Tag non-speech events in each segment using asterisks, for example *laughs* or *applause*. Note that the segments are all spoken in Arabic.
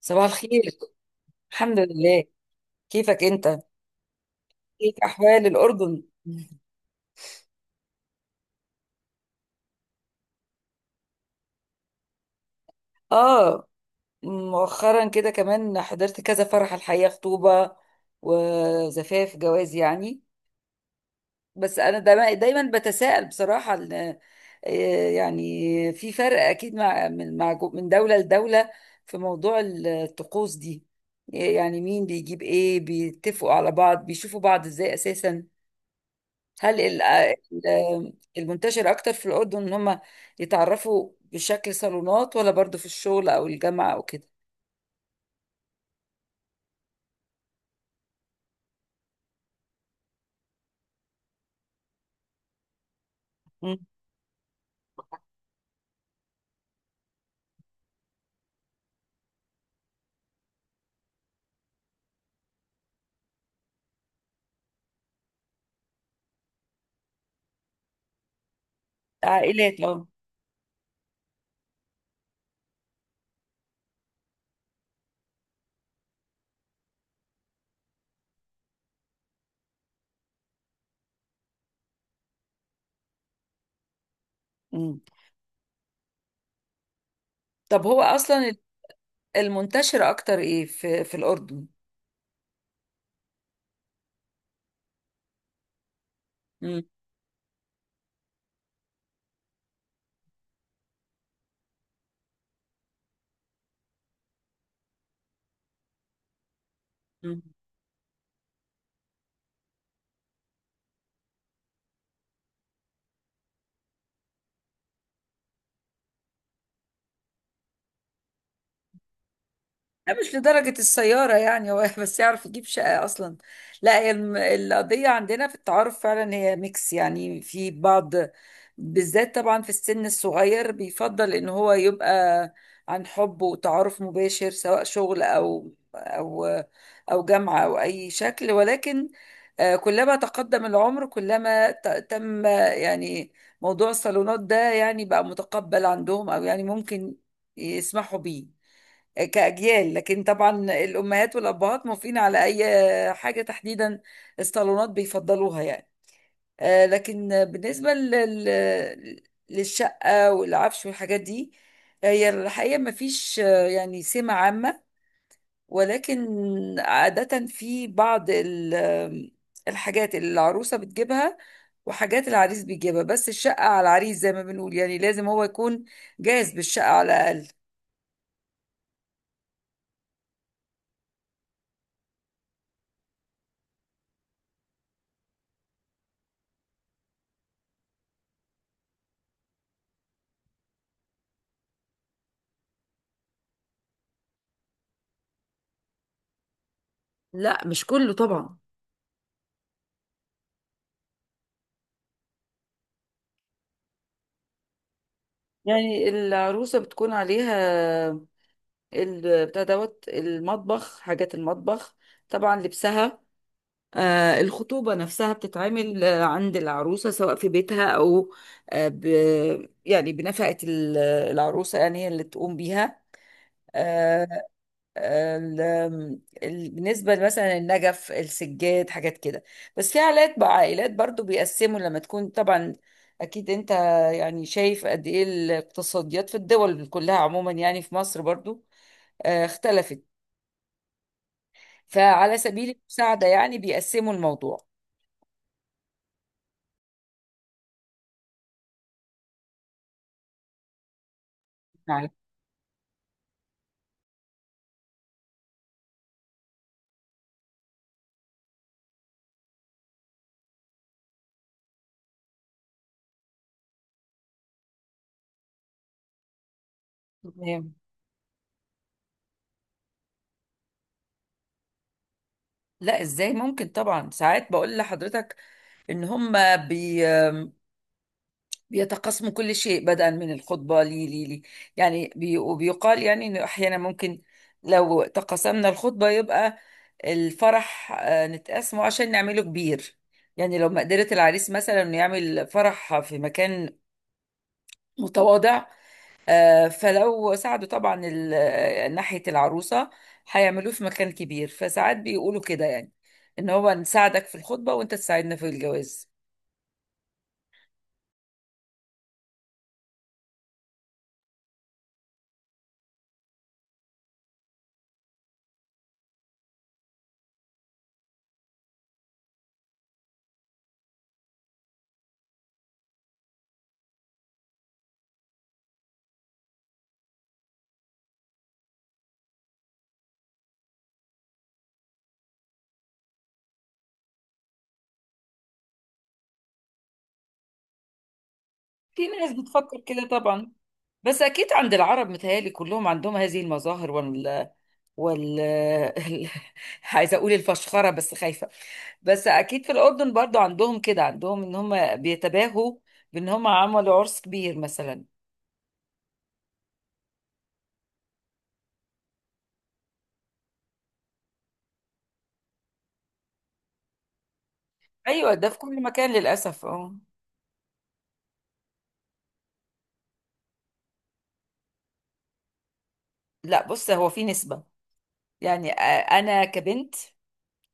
صباح الخير. الحمد لله. كيفك انت؟ كيف احوال الاردن؟ اه مؤخرا كده كمان حضرت كذا فرح، الحقيقه خطوبه وزفاف جواز يعني. بس انا دايما بتساءل بصراحه، يعني في فرق اكيد مع من مع جو- من دوله لدوله في موضوع الطقوس دي. يعني مين بيجيب ايه، بيتفقوا على بعض، بيشوفوا بعض ازاي اساسا؟ هل المنتشر اكتر في الاردن ان هم يتعرفوا بشكل صالونات، ولا برضو في الشغل او الجامعه او كده؟ مم. عائلات، اه. مم. طب هو اصلا المنتشر اكتر ايه في الاردن؟ مم. لا مش لدرجة السيارة يعني، هو *laughs* بس يعرف يجيب شقة أصلا. لا، هي القضية عندنا في التعارف فعلا هي ميكس يعني، في بعض بالذات طبعا في السن الصغير بيفضل إن هو يبقى عن حب وتعارف مباشر، سواء شغل أو جامعة أو أي شكل. ولكن كلما تقدم العمر كلما تم يعني موضوع الصالونات ده يعني بقى متقبل عندهم، أو يعني ممكن يسمحوا بيه كأجيال. لكن طبعا الأمهات والأبهات موافقين على أي حاجة تحديدا، الصالونات بيفضلوها يعني. لكن بالنسبة للشقة والعفش والحاجات دي، هي الحقيقة ما فيش يعني سمة عامة. ولكن عادة في بعض ال- آم، الحاجات اللي العروسة بتجيبها وحاجات العريس بيجيبها، بس الشقة على العريس زي ما بنقول، يعني لازم هو يكون جاهز بالشقة على الأقل. لا مش كله طبعا. يعني العروسة بتكون عليها بتاع دوت المطبخ، حاجات المطبخ، طبعا لبسها. آه، الخطوبة نفسها بتتعمل عند العروسة، سواء في بيتها أو آه ب يعني بنفقة العروسة، يعني هي اللي تقوم بيها. آه، ال- بالنسبة مثلا النجف، السجاد، حاجات كده. بس في عائلات بقى، عائلات برضو بيقسموا لما تكون طبعا، أكيد أنت يعني شايف قد إيه الاقتصاديات في الدول كلها عموما، يعني في مصر برضو اختلفت. فعلى سبيل المساعدة يعني بيقسموا الموضوع. نعم. تمام. لا ازاي، ممكن طبعا. ساعات بقول لحضرتك ان هم بيتقاسموا كل شيء، بدءا من الخطبة لي لي لي يعني بي وبيقال يعني انه احيانا ممكن لو تقاسمنا الخطبة يبقى الفرح نتقاسمه عشان نعمله كبير. يعني لو مقدرة العريس مثلا انه يعمل فرح في مكان متواضع، فلو ساعدوا طبعا ناحية العروسة هيعملوه في مكان كبير. فساعات بيقولوا كده يعني، ان هو نساعدك في الخطبة وانت تساعدنا في الجواز. في ناس بتفكر كده طبعا. بس اكيد عند العرب متهيألي كلهم عندهم هذه المظاهر وال وال *laughs* عايزه اقول الفشخره بس خايفه. بس اكيد في الاردن برضو عندهم كده، عندهم ان هم بيتباهوا بان هم عملوا عرس كبير مثلا. ايوه ده في كل مكان للاسف، اه. لا بص، هو في نسبه، يعني انا كبنت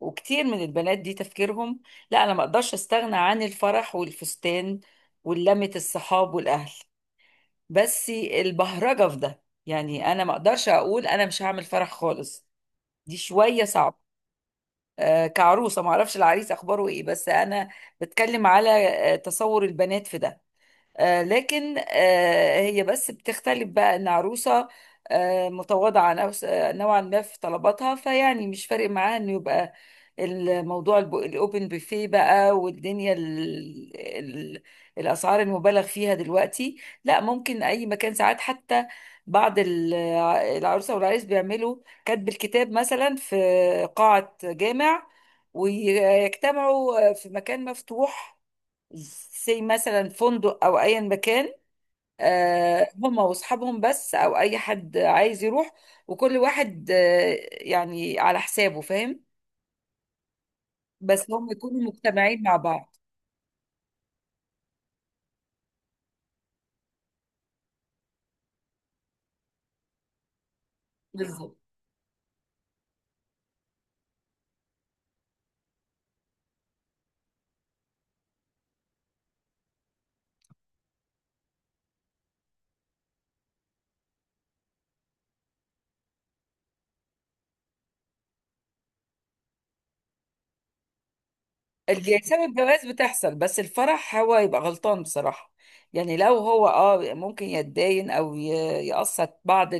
وكتير من البنات دي تفكيرهم لا، انا ما اقدرش استغنى عن الفرح والفستان ولمة الصحاب والاهل. بس البهرجه في ده، يعني انا ما اقدرش اقول انا مش هعمل فرح خالص، دي شويه صعب. آه كعروسه، ما اعرفش العريس اخباره ايه بس انا بتكلم على تصور البنات في ده. لكن هي بس بتختلف بقى، ان عروسه متواضعه نوعا ما في طلباتها، فيعني مش فارق معاها انه يبقى الموضوع الاوبن بوفيه بقى، والدنيا ال ال الاسعار المبالغ فيها دلوقتي. لا ممكن اي مكان. ساعات حتى بعض العروسه والعريس بيعملوا كاتب الكتاب مثلا في قاعه جامع، ويجتمعوا في مكان مفتوح زي مثلا فندق او ايا مكان، هما واصحابهم بس، او اي حد عايز يروح. وكل واحد يعني على حسابه، فاهم؟ بس هم يكونوا مجتمعين مع بعض. بالظبط. اللي سبب الجواز بتحصل، بس الفرح هو يبقى غلطان بصراحة. يعني لو هو اه ممكن يتداين او يقسط بعض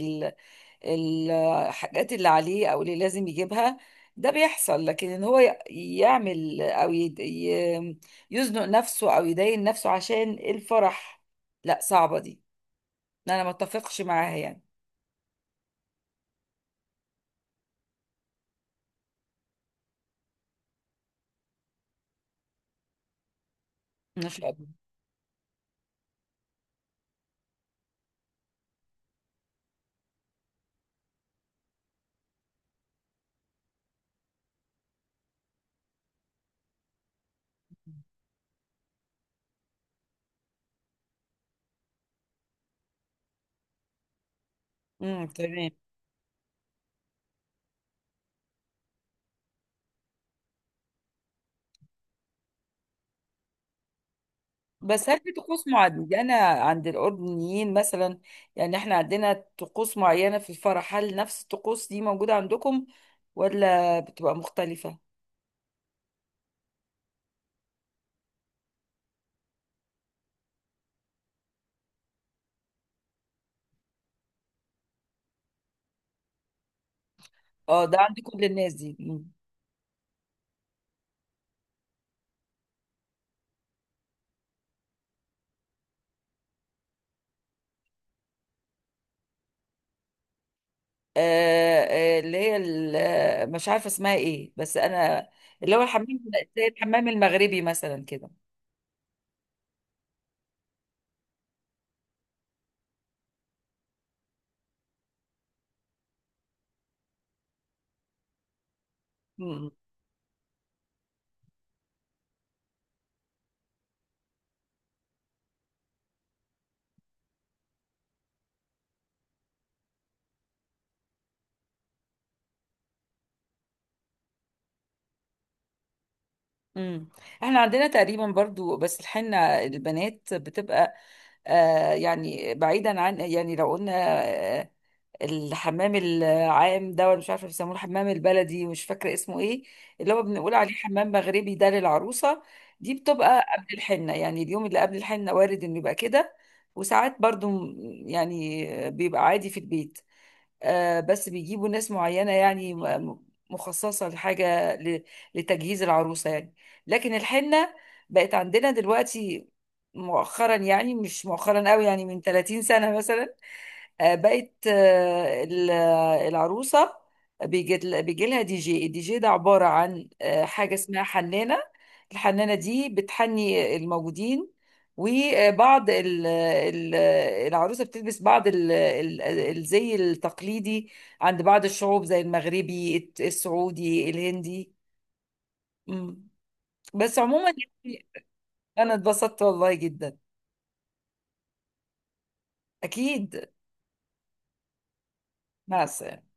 الحاجات اللي عليه او اللي لازم يجيبها، ده بيحصل. لكن ان هو ي- يعمل او يد- ي- يزنق نفسه او يداين نفسه عشان الفرح، لا صعبة دي، انا ما اتفقش معاها يعني. ان شاء الله. تمام. بس هل في طقوس معينة يعني انا، عند الاردنيين مثلا؟ يعني احنا عندنا طقوس معينة في الفرح، هل نفس الطقوس دي موجودة عندكم ولا بتبقى مختلفة؟ اه ده عند كل الناس دي. اللي هي مش عارفه اسمها ايه، بس انا اللي هو الحمام، زي الحمام المغربي مثلا كده. امم أمم. احنا عندنا تقريبا برضو، بس الحنه البنات بتبقى، يعني بعيدا عن، يعني لو قلنا الحمام العام ده، ولا مش عارفه بيسموه الحمام البلدي، مش فاكره اسمه ايه، اللي هو بنقول عليه حمام مغربي، ده للعروسه. دي بتبقى قبل الحنه، يعني اليوم اللي قبل الحنه وارد انه يبقى كده. وساعات برضو يعني بيبقى عادي في البيت. آه بس بيجيبوا ناس معينه يعني مخصصه لتجهيز العروسه يعني. لكن الحنه بقت عندنا دلوقتي مؤخرا، يعني مش مؤخرا قوي، يعني من 30 سنه مثلا، بقت العروسة بيجي لها دي جي. الدي جي ده عبارة عن حاجة اسمها حنانة. الحنانة دي بتحني الموجودين. وبعض العروسة بتلبس بعض الزي التقليدي عند بعض الشعوب، زي المغربي، السعودي، الهندي. مم. بس عموما يعني، أنا اتبسطت والله جدا. أكيد. مع السلامة.